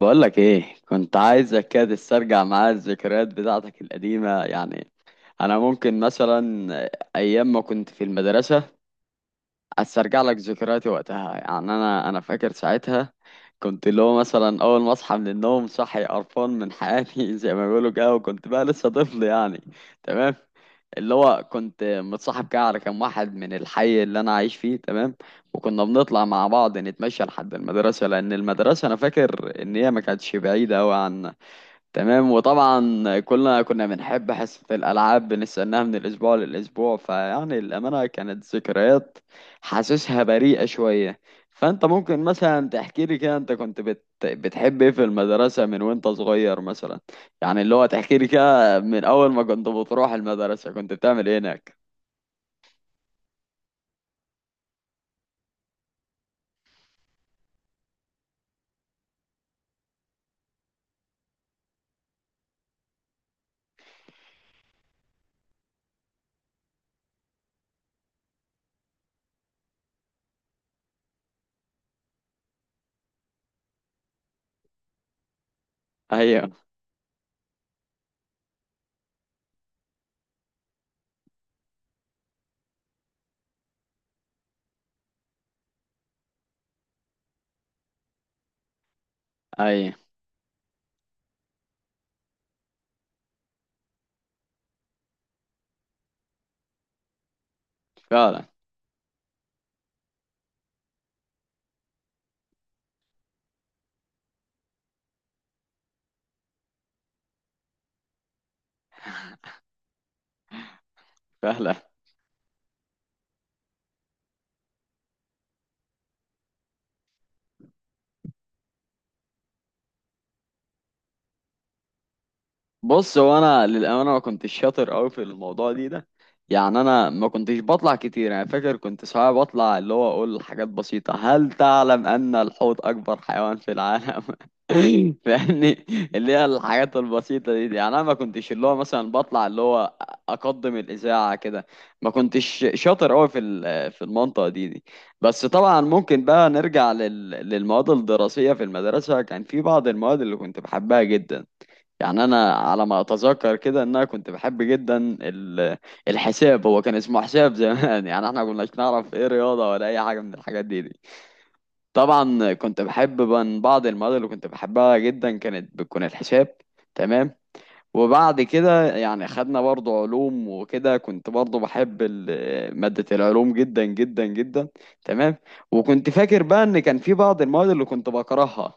بقولك ايه، كنت عايزك كده تسترجع معايا الذكريات بتاعتك القديمة. يعني انا ممكن مثلا ايام ما كنت في المدرسة استرجع لك ذكرياتي وقتها. يعني انا فاكر ساعتها كنت اللي هو مثلا اول ما اصحى من النوم صحي قرفان من حياتي زي ما بيقولوا كده، وكنت بقى لسه طفل يعني. تمام. اللي هو كنت متصاحب كده على كام واحد من الحي اللي انا عايش فيه. تمام. وكنا بنطلع مع بعض نتمشى لحد المدرسه، لان المدرسه انا فاكر ان هي ما كانتش بعيده قوي. تمام. وطبعا كلنا كنا بنحب حصة الألعاب، بنستناها من الأسبوع للأسبوع. فيعني الأمانة كانت ذكريات حاسسها بريئة شوية. فأنت ممكن مثلا تحكي لي كده، أنت كنت بتحب إيه في المدرسة من وأنت صغير مثلا؟ يعني اللي هو تحكي لي كده من أول ما كنت بتروح المدرسة كنت بتعمل إيه هناك؟ أيوه. أيوه. فعلا. فعلا. بص هو انا للامانه ما كنتش شاطر قوي في الموضوع دي ده. يعني انا ما كنتش بطلع كتير. انا فاكر كنت ساعات بطلع اللي هو اقول حاجات بسيطه: هل تعلم ان الحوت اكبر حيوان في العالم. فاهمني. اللي هي الحاجات البسيطه دي يعني انا ما كنتش اللي هو مثلا بطلع اللي هو اقدم الاذاعه كده. ما كنتش شاطر قوي في المنطقه دي. بس طبعا ممكن بقى نرجع للمواد الدراسيه في المدرسه. كان في بعض المواد اللي كنت بحبها جدا. يعني انا على ما اتذكر كده ان انا كنت بحب جدا ال- الحساب. هو كان اسمه حساب زمان يعني احنا كناش نعرف ايه رياضه ولا اي حاجه من الحاجات دي. طبعا كنت بحب، من بعض المواد اللي كنت بحبها جدا كانت بتكون الحساب. تمام. وبعد كده يعني خدنا برضو علوم وكده. كنت برضو بحب ماده العلوم جدا جدا جدا. تمام. وكنت فاكر بقى ان كان في بعض المواد اللي كنت بكرهها،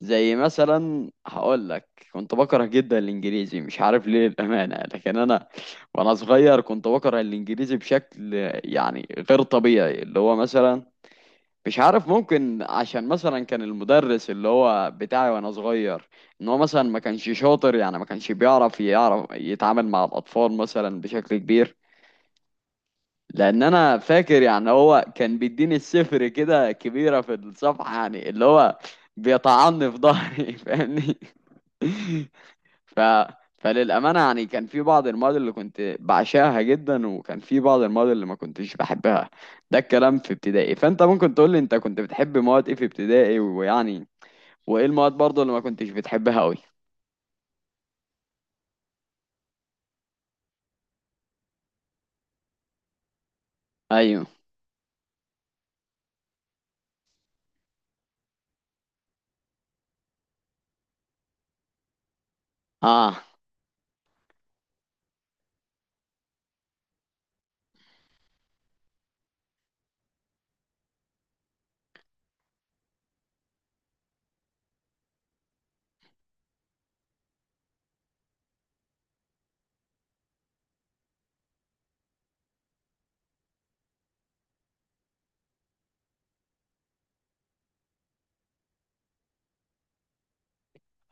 زي مثلا هقول لك كنت بكره جدا الانجليزي، مش عارف ليه الامانه. لكن انا وانا صغير كنت بكره الانجليزي بشكل يعني غير طبيعي. اللي هو مثلا مش عارف، ممكن عشان مثلا كان المدرس اللي هو بتاعي وانا صغير، ان هو مثلا ما كانش شاطر، يعني ما كانش يعرف يتعامل مع الاطفال مثلا بشكل كبير. لان انا فاكر يعني هو كان بيديني السفر كده كبيره في الصفحه، يعني اللي هو بيطعني في ظهري فاهمني. ف... فللأمانة يعني كان في بعض المواد اللي كنت بعشقها جدا، وكان في بعض المواد اللي ما كنتش بحبها. ده الكلام في ابتدائي. فأنت ممكن تقول لي أنت كنت بتحب مواد إيه في ابتدائي، ويعني وإيه المواد برضه اللي ما كنتش بتحبها أوي؟ أيوه. آه.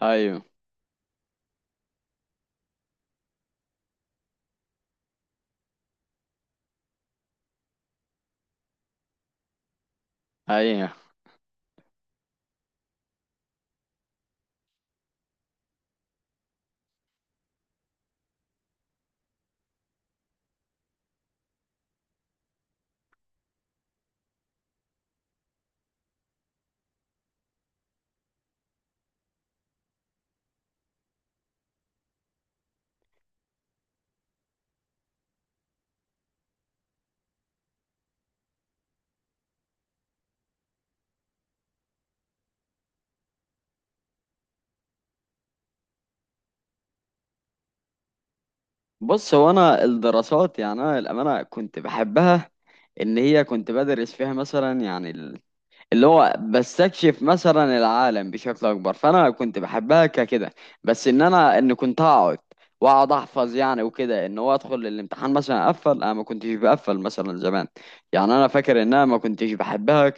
أيوه. أيوه. بص هو أنا الدراسات، يعني أنا للأمانة كنت بحبها، إن هي كنت بدرس فيها مثلا، يعني اللي هو بستكشف مثلا العالم بشكل اكبر، فانا كنت بحبها ككده. بس ان كنت هقعد واقعد احفظ يعني وكده، ان هو ادخل الامتحان مثلا اقفل، انا ما كنتش بقفل مثلا زمان. يعني انا فاكر ان انا ما كنتش بحبها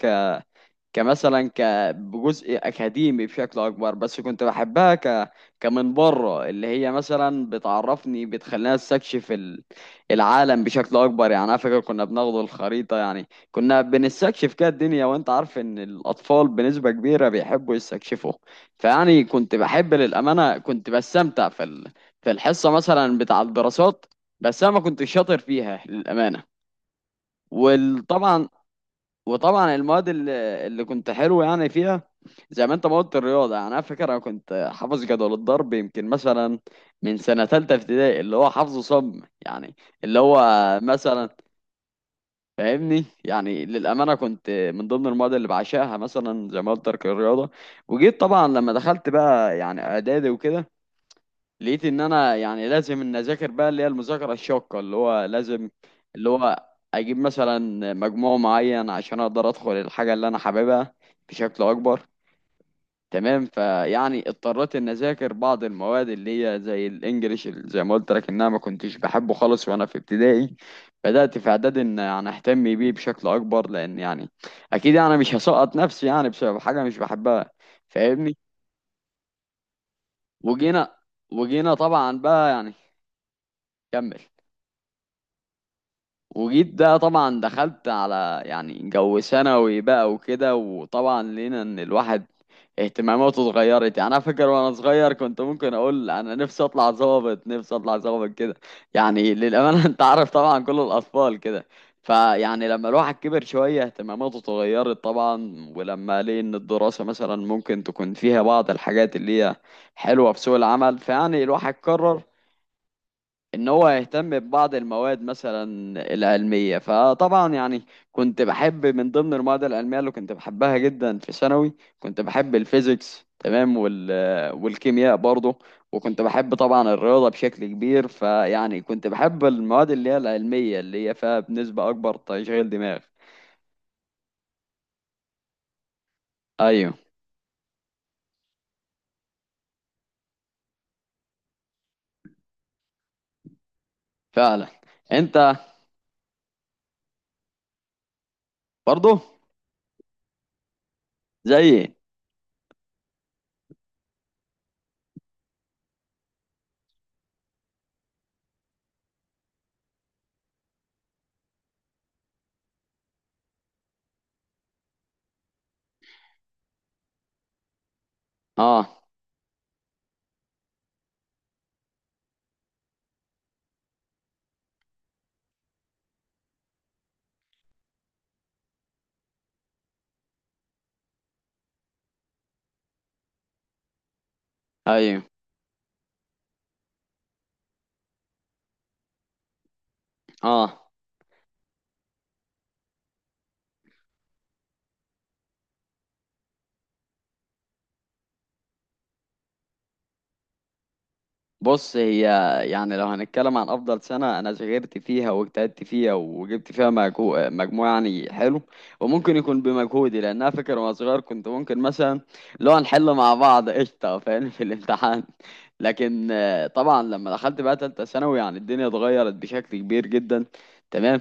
كمثلا بجزء اكاديمي بشكل اكبر، بس كنت بحبها كمن بره، اللي هي مثلا بتعرفني بتخليني استكشف العالم بشكل اكبر. يعني انا فاكر كنا بناخد الخريطه يعني، كنا بنستكشف كده الدنيا. وانت عارف ان الاطفال بنسبه كبيره بيحبوا يستكشفوا. فيعني كنت بحب للامانه، كنت بستمتع في الحصه مثلا بتاع الدراسات، بس انا ما كنتش شاطر فيها للامانه. وطبعا المواد اللي كنت حلو يعني فيها، زي ما انت ما قلت الرياضه. يعني انا فاكر انا كنت حافظ جدول الضرب يمكن مثلا من سنه ثالثه ابتدائي، اللي هو حافظه صم يعني، اللي هو مثلا فاهمني. يعني للامانه كنت من ضمن المواد اللي بعشقها مثلا زي ما قلت لك الرياضه. وجيت طبعا لما دخلت بقى يعني اعدادي وكده، لقيت ان انا يعني لازم ان اذاكر بقى اللي هي المذاكره الشاقه، اللي هو لازم اللي هو اجيب مثلا مجموع معين عشان اقدر ادخل الحاجه اللي انا حاببها بشكل اكبر. تمام. فيعني اضطريت ان اذاكر بعض المواد اللي هي زي الانجليش، اللي زي ما قلت لك ان انا ما كنتش بحبه خالص وانا في ابتدائي. بدات في اعدادي ان يعني اهتم بيه بشكل اكبر، لان يعني اكيد انا مش هسقط نفسي يعني بسبب حاجه مش بحبها. فاهمني. وجينا وجينا طبعا بقى يعني. كمل. وجيت ده طبعا دخلت على يعني جو ثانوي بقى وكده. وطبعا لقينا ان الواحد اهتماماته اتغيرت. يعني انا فاكر وانا صغير كنت ممكن اقول انا نفسي اطلع ظابط، نفسي اطلع ظابط كده، يعني للامانه انت عارف طبعا كل الاطفال كده. فيعني لما الواحد كبر شويه اهتماماته اتغيرت طبعا، ولما لقي ان الدراسه مثلا ممكن تكون فيها بعض الحاجات اللي هي حلوه في سوق العمل، فيعني الواحد قرر ان هو يهتم ببعض المواد مثلا العلميه. فطبعا يعني كنت بحب من ضمن المواد العلميه اللي كنت بحبها جدا في ثانوي، كنت بحب الفيزيكس. تمام. والكيمياء برضه. وكنت بحب طبعا الرياضه بشكل كبير. فيعني كنت بحب المواد اللي هي العلميه اللي هي فيها بنسبه اكبر تشغيل دماغ. ايوه. فعلا. انت برضه زيي. اه. ايوه. اه. بص هي يعني لو هنتكلم عن افضل سنه انا ذاكرت فيها واجتهدت فيها وجبت فيها مجموع يعني حلو، وممكن يكون بمجهودي. لان انا فاكر وانا صغير كنت ممكن مثلا لو هنحل مع بعض قشطه فاهم في الامتحان. لكن طبعا لما دخلت بقى تالتة ثانوي يعني الدنيا اتغيرت بشكل كبير جدا. تمام.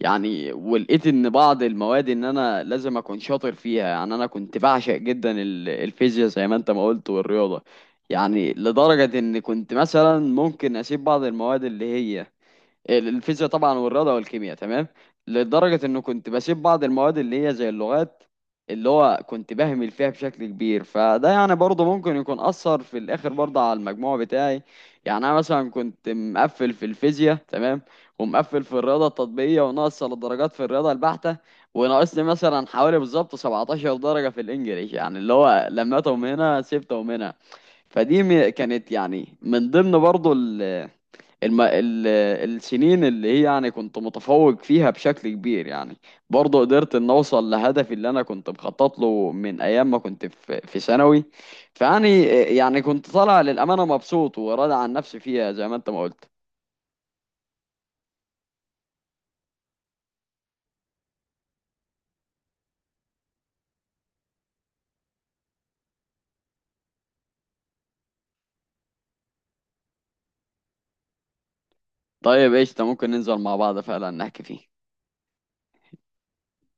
يعني ولقيت ان بعض المواد ان انا لازم اكون شاطر فيها. يعني انا كنت بعشق جدا الفيزياء زي ما انت ما قلت والرياضه، يعني لدرجة إن كنت مثلا ممكن أسيب بعض المواد اللي هي الفيزياء طبعا والرياضه والكيمياء. تمام. لدرجه انه كنت بسيب بعض المواد اللي هي زي اللغات، اللي هو كنت بهمل فيها بشكل كبير. فده يعني برضه ممكن يكون اثر في الاخر برضه على المجموع بتاعي. يعني انا مثلا كنت مقفل في الفيزياء. تمام. ومقفل في الرياضه التطبيقيه، وناقص الدرجات في الرياضه البحته، وناقصني مثلا حوالي بالظبط 17 درجه في الانجليش، يعني اللي هو لميتهم هنا سبتهم هنا. فدي كانت يعني من ضمن برضه الم... ال... السنين اللي هي يعني كنت متفوق فيها بشكل كبير. يعني برضه قدرت ان اوصل لهدفي اللي انا كنت مخطط له من ايام ما كنت في ثانوي. فيعني كنت طالع للامانه مبسوط وراضي عن نفسي فيها زي ما انت ما قلت. طيب ايش ممكن ننزل مع بعض فعلا نحكي فيه.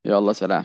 يلا سلام.